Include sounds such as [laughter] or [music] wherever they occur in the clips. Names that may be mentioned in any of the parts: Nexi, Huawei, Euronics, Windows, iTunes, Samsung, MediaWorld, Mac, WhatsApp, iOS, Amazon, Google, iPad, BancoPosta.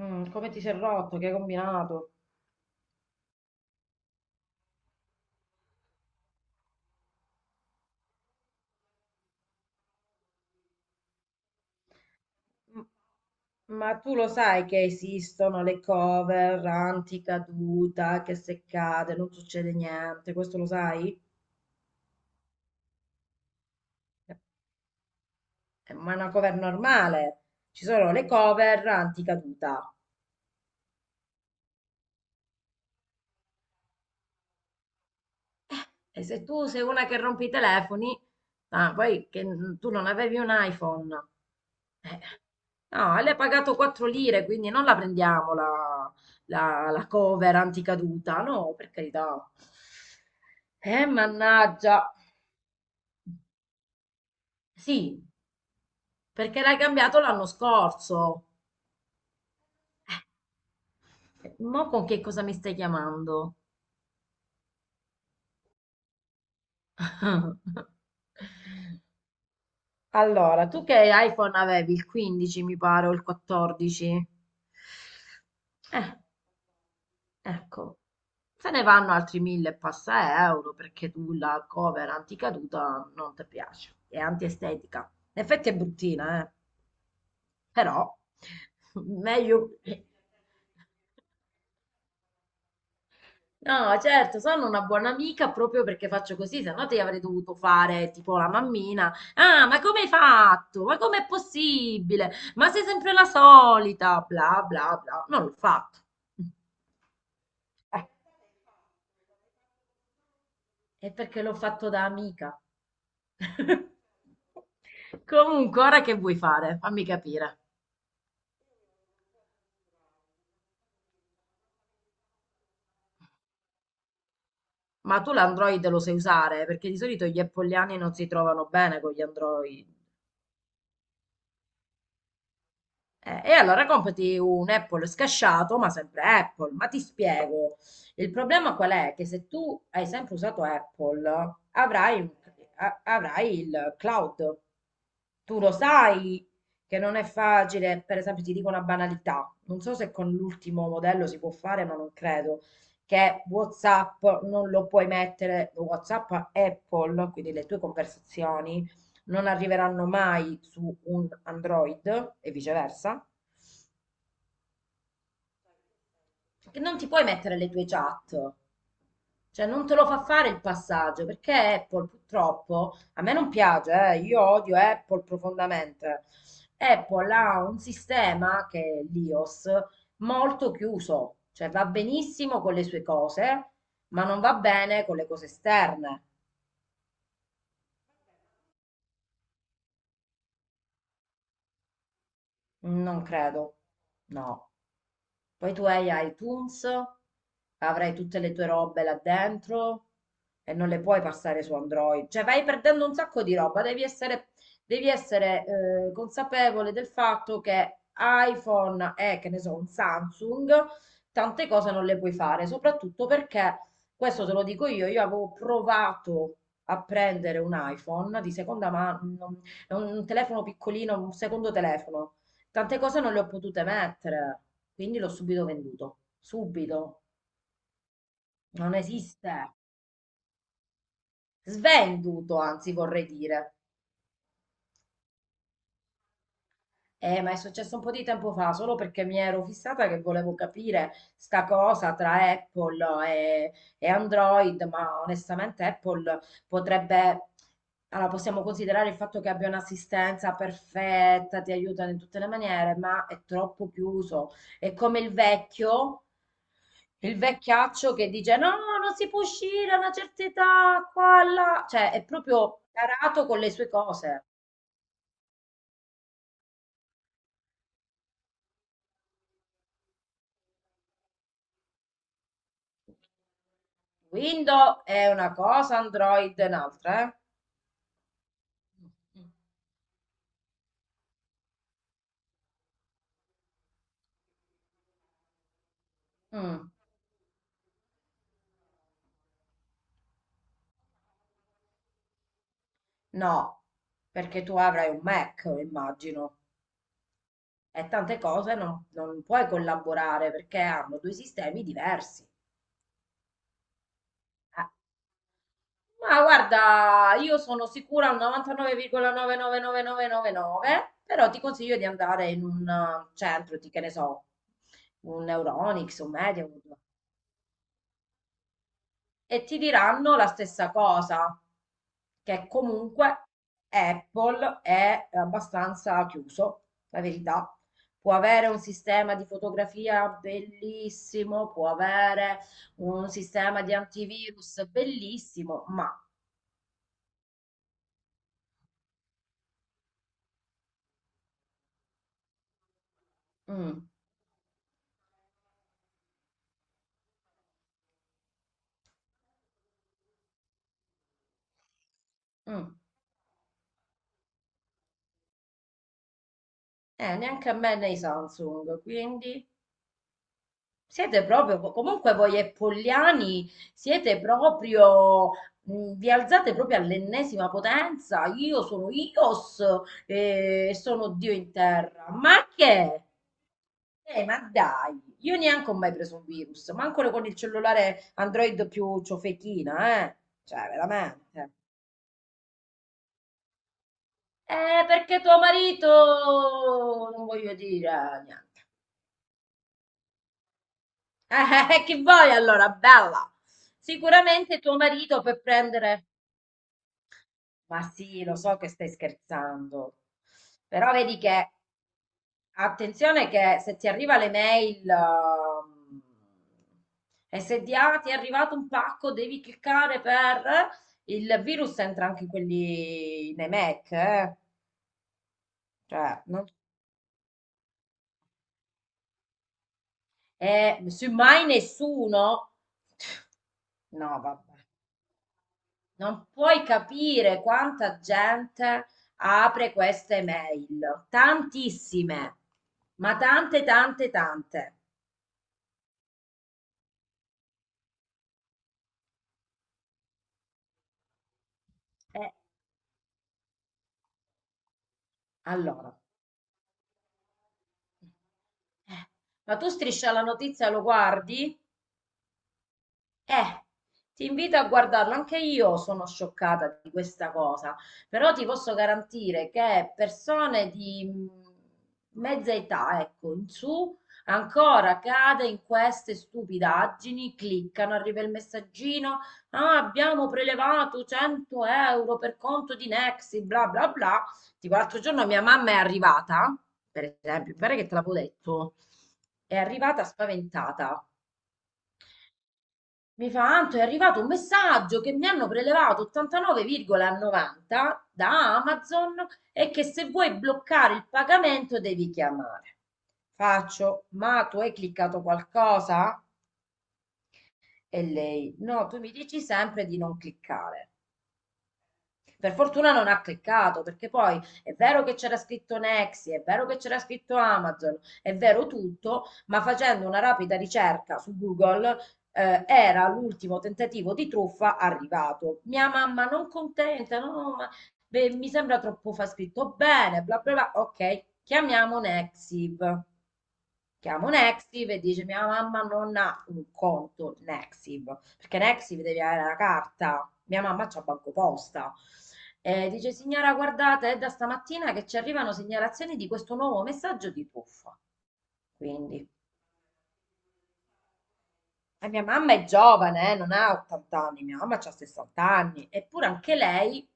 Come ti sei rotto? Che hai combinato? M- Ma tu lo sai che esistono le cover anticaduta, che se cade non succede niente, questo lo sai? Eh, Ma è una cover normale. Ci sono le cover anticaduta. E se tu sei una che rompe i telefoni, poi che tu non avevi un iPhone, eh, no, le hai pagato 4 lire, quindi non la prendiamo la, la cover anticaduta, no, per carità. Mannaggia. Sì, perché l'hai cambiato l'anno scorso. Mo con che cosa mi stai chiamando? [laughs] Allora, tu che iPhone avevi? Il 15 mi pare o il 14? Eh, ecco, se ne vanno altri mille e passa euro perché tu la cover anticaduta non ti piace, è antiestetica. In effetti è bruttina, però [laughs] meglio. No, certo, sono una buona amica proprio perché faccio così, se no ti avrei dovuto fare tipo la mammina. Ah, ma come hai fatto? Ma com'è possibile? Ma sei sempre la solita, bla bla bla. Non l'ho fatto. Eh, è perché l'ho fatto da amica. [laughs] Comunque, ora che vuoi fare? Fammi capire. Ma tu l'Android lo sai usare? Perché di solito gli appoliani non si trovano bene con gli Android. E allora comprati un Apple scasciato, ma sempre Apple. Ma ti spiego, il problema qual è? Che se tu hai sempre usato Apple, avrai, un- avrai il cloud. Tu lo sai che non è facile, per esempio, ti dico una banalità, non so se con l'ultimo modello si può fare, ma non credo, che WhatsApp non lo puoi mettere, WhatsApp a Apple, quindi le tue conversazioni non arriveranno mai su un Android e viceversa, che non ti puoi mettere le tue chat. Cioè, non te lo fa fare il passaggio perché Apple purtroppo a me non piace, io odio Apple profondamente. Apple ha un sistema che è l'iOS molto chiuso, cioè va benissimo con le sue cose, ma non va bene con le cose esterne. Non credo, no. Poi tu hai iTunes, avrai tutte le tue robe là dentro e non le puoi passare su Android. Cioè vai perdendo un sacco di roba, devi essere consapevole del fatto che iPhone e che ne so, un Samsung, tante cose non le puoi fare, soprattutto perché, questo te lo dico io avevo provato a prendere un iPhone di seconda mano, un telefono piccolino, un secondo telefono. Tante cose non le ho potute mettere, quindi l'ho subito venduto. Subito. Non esiste. Svenduto, anzi, vorrei dire. Ma è successo un po' di tempo fa, solo perché mi ero fissata che volevo capire sta cosa tra Apple e Android, ma onestamente Apple potrebbe, allora possiamo considerare il fatto che abbia un'assistenza perfetta, ti aiuta in tutte le maniere, ma è troppo chiuso. È come il vecchio, il vecchiaccio che dice no, non si può uscire a una certa età, qua, là, cioè è proprio tarato con le sue cose. Windows è una cosa, Android è un'altra, eh? Mm. Mm, no, perché tu avrai un Mac, immagino, e tante cose non puoi collaborare perché hanno due sistemi diversi. Eh, Ma guarda, io sono sicura al 99,999999, però ti consiglio di andare in un centro, di, che ne so, un Euronics, un Mediawood. E ti diranno la stessa cosa, che comunque Apple è abbastanza chiuso, la verità. Può avere un sistema di fotografia bellissimo, può avere un sistema di antivirus bellissimo, ma mm, mm, neanche a me nei Samsung, quindi comunque voi e Pogliani siete proprio, vi alzate proprio all'ennesima potenza. Io sono Ios e sono Dio in terra. Ma che? Ma dai, io neanche ho mai preso un virus, ma ancora con il cellulare Android più ciofechina, eh? Cioè, veramente. Perché tuo marito, non voglio dire niente. Che vuoi allora, bella? Sicuramente tuo marito per prendere. Ma sì, lo so che stai scherzando, però vedi che, attenzione che se ti arriva l'email e se ti è arrivato un pacco devi cliccare per. Il virus entra anche in quelli, nei Mac, eh? Cioè, non. E semmai nessuno. No, vabbè. Non puoi capire quanta gente apre queste mail, tantissime, ma tante, tante, tante. Eh, allora, eh, ma tu striscia la notizia lo guardi? Eh, ti invito a guardarlo, anche io sono scioccata di questa cosa, però ti posso garantire che persone di mezza età, ecco, in su, ancora cade in queste stupidaggini, cliccano, arriva il messaggino, "Ah, abbiamo prelevato 100 € per conto di Nexi, bla bla bla." Tipo l'altro giorno mia mamma è arrivata, per esempio, mi pare che te l'avevo detto, è arrivata spaventata mi fa, Anto, è arrivato un messaggio che mi hanno prelevato 89,90 da Amazon e che se vuoi bloccare il pagamento devi chiamare. Faccio, ma tu hai cliccato qualcosa? E lei, no, tu mi dici sempre di non cliccare. Per fortuna non ha cliccato, perché poi è vero che c'era scritto Nexi, è vero che c'era scritto Amazon, è vero tutto, ma facendo una rapida ricerca su Google, era l'ultimo tentativo di truffa arrivato. Mia mamma non contenta, no, ma beh, mi sembra troppo fa scritto bene, bla bla bla. Ok, chiamiamo Nexiv. Chiamo Nexiv e dice mia mamma non ha un conto Nexiv, perché Nexiv devi avere la carta, mia mamma c'ha BancoPosta. E dice signora guardate è da stamattina che ci arrivano segnalazioni di questo nuovo messaggio di truffa. Quindi, e mia mamma è giovane, non ha 80 anni, mia mamma ha 60 anni, eppure anche lei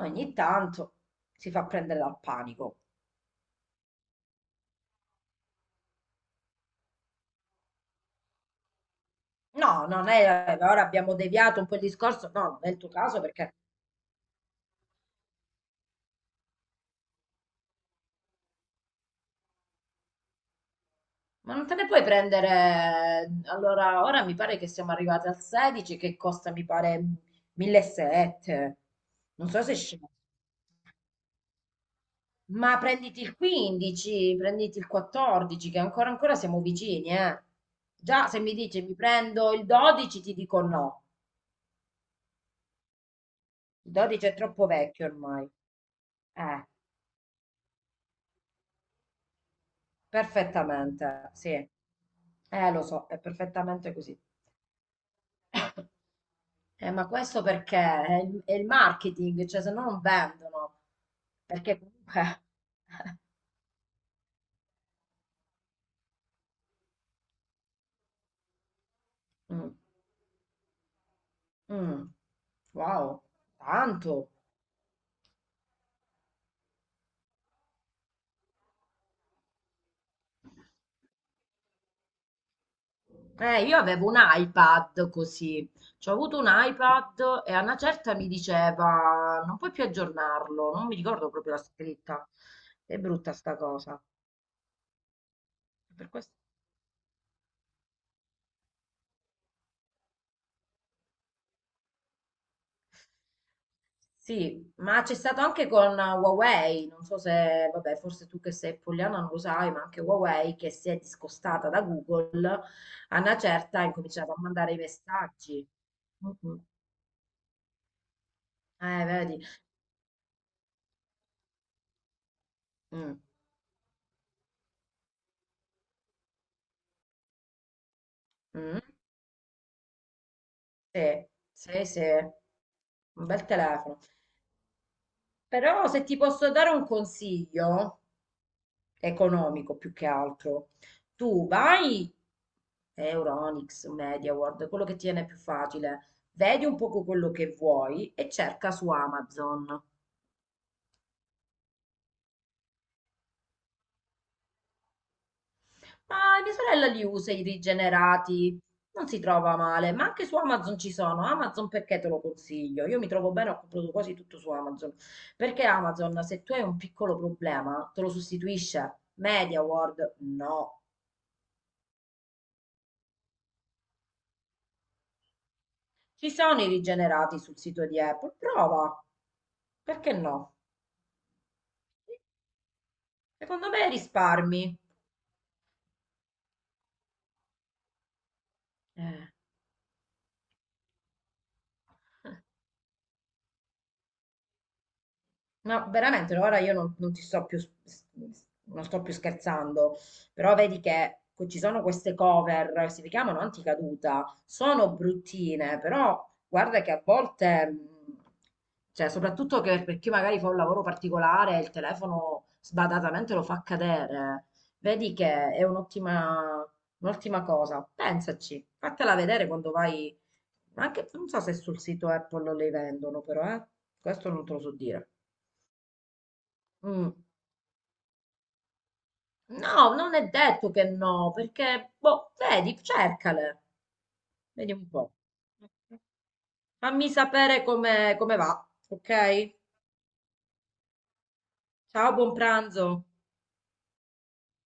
ogni tanto si fa prendere dal panico. No, non è, ora abbiamo deviato un po' il discorso, no, non è il tuo caso perché. Ma non te ne puoi prendere. Allora, ora mi pare che siamo arrivati al 16 che costa, mi pare, 1.700. Non so se scende. Ma prenditi il 15, prenditi il 14, che ancora ancora siamo vicini, eh. Già, se mi dici mi prendo il 12, ti dico no. Il 12 è troppo vecchio ormai. Eh, perfettamente, sì. Lo so, è perfettamente così. Ma questo perché è il marketing, cioè se no non vendono, perché comunque. Mm, mm, wow, tanto. Io avevo un iPad così, cioè, ho avuto un iPad e a una certa mi diceva non puoi più aggiornarlo, non mi ricordo proprio la scritta, è brutta sta cosa. Per questo. Sì, ma c'è stato anche con Huawei, non so se, vabbè, forse tu che sei pollyanna non lo sai, ma anche Huawei che si è discostata da Google, a una certa ha incominciato a mandare i messaggi. Mhm. Vedi? Mm. Mm. Sì, sì, sì, un bel telefono. Però se ti posso dare un consiglio economico più che altro, tu vai Euronics, MediaWorld, quello che tiene più facile. Vedi un poco quello che vuoi e cerca su Amazon. Ma mia sorella li usa i rigenerati, non si trova male, ma anche su Amazon ci sono. Amazon perché te lo consiglio? Io mi trovo bene, ho comprato quasi tutto su Amazon. Perché Amazon, se tu hai un piccolo problema, te lo sostituisce. MediaWorld, no. Ci sono i rigenerati sul sito di Apple, prova. Perché no? Secondo me risparmi. Eh. No, veramente, no, ora io non ti sto più, non sto più scherzando, però vedi che ci sono queste cover, si chiamano anticaduta, sono bruttine, però guarda che a volte, cioè soprattutto che per chi magari fa un lavoro particolare, il telefono sbadatamente lo fa cadere, vedi che è un'ottima cosa, pensaci, fatela vedere quando vai, anche non so se sul sito Apple le vendono, però questo non te lo so dire. Mm. No, non è detto che no, perché, boh, vedi, cercale, vedi un po'. Fammi sapere come va, ok? Ciao, buon pranzo.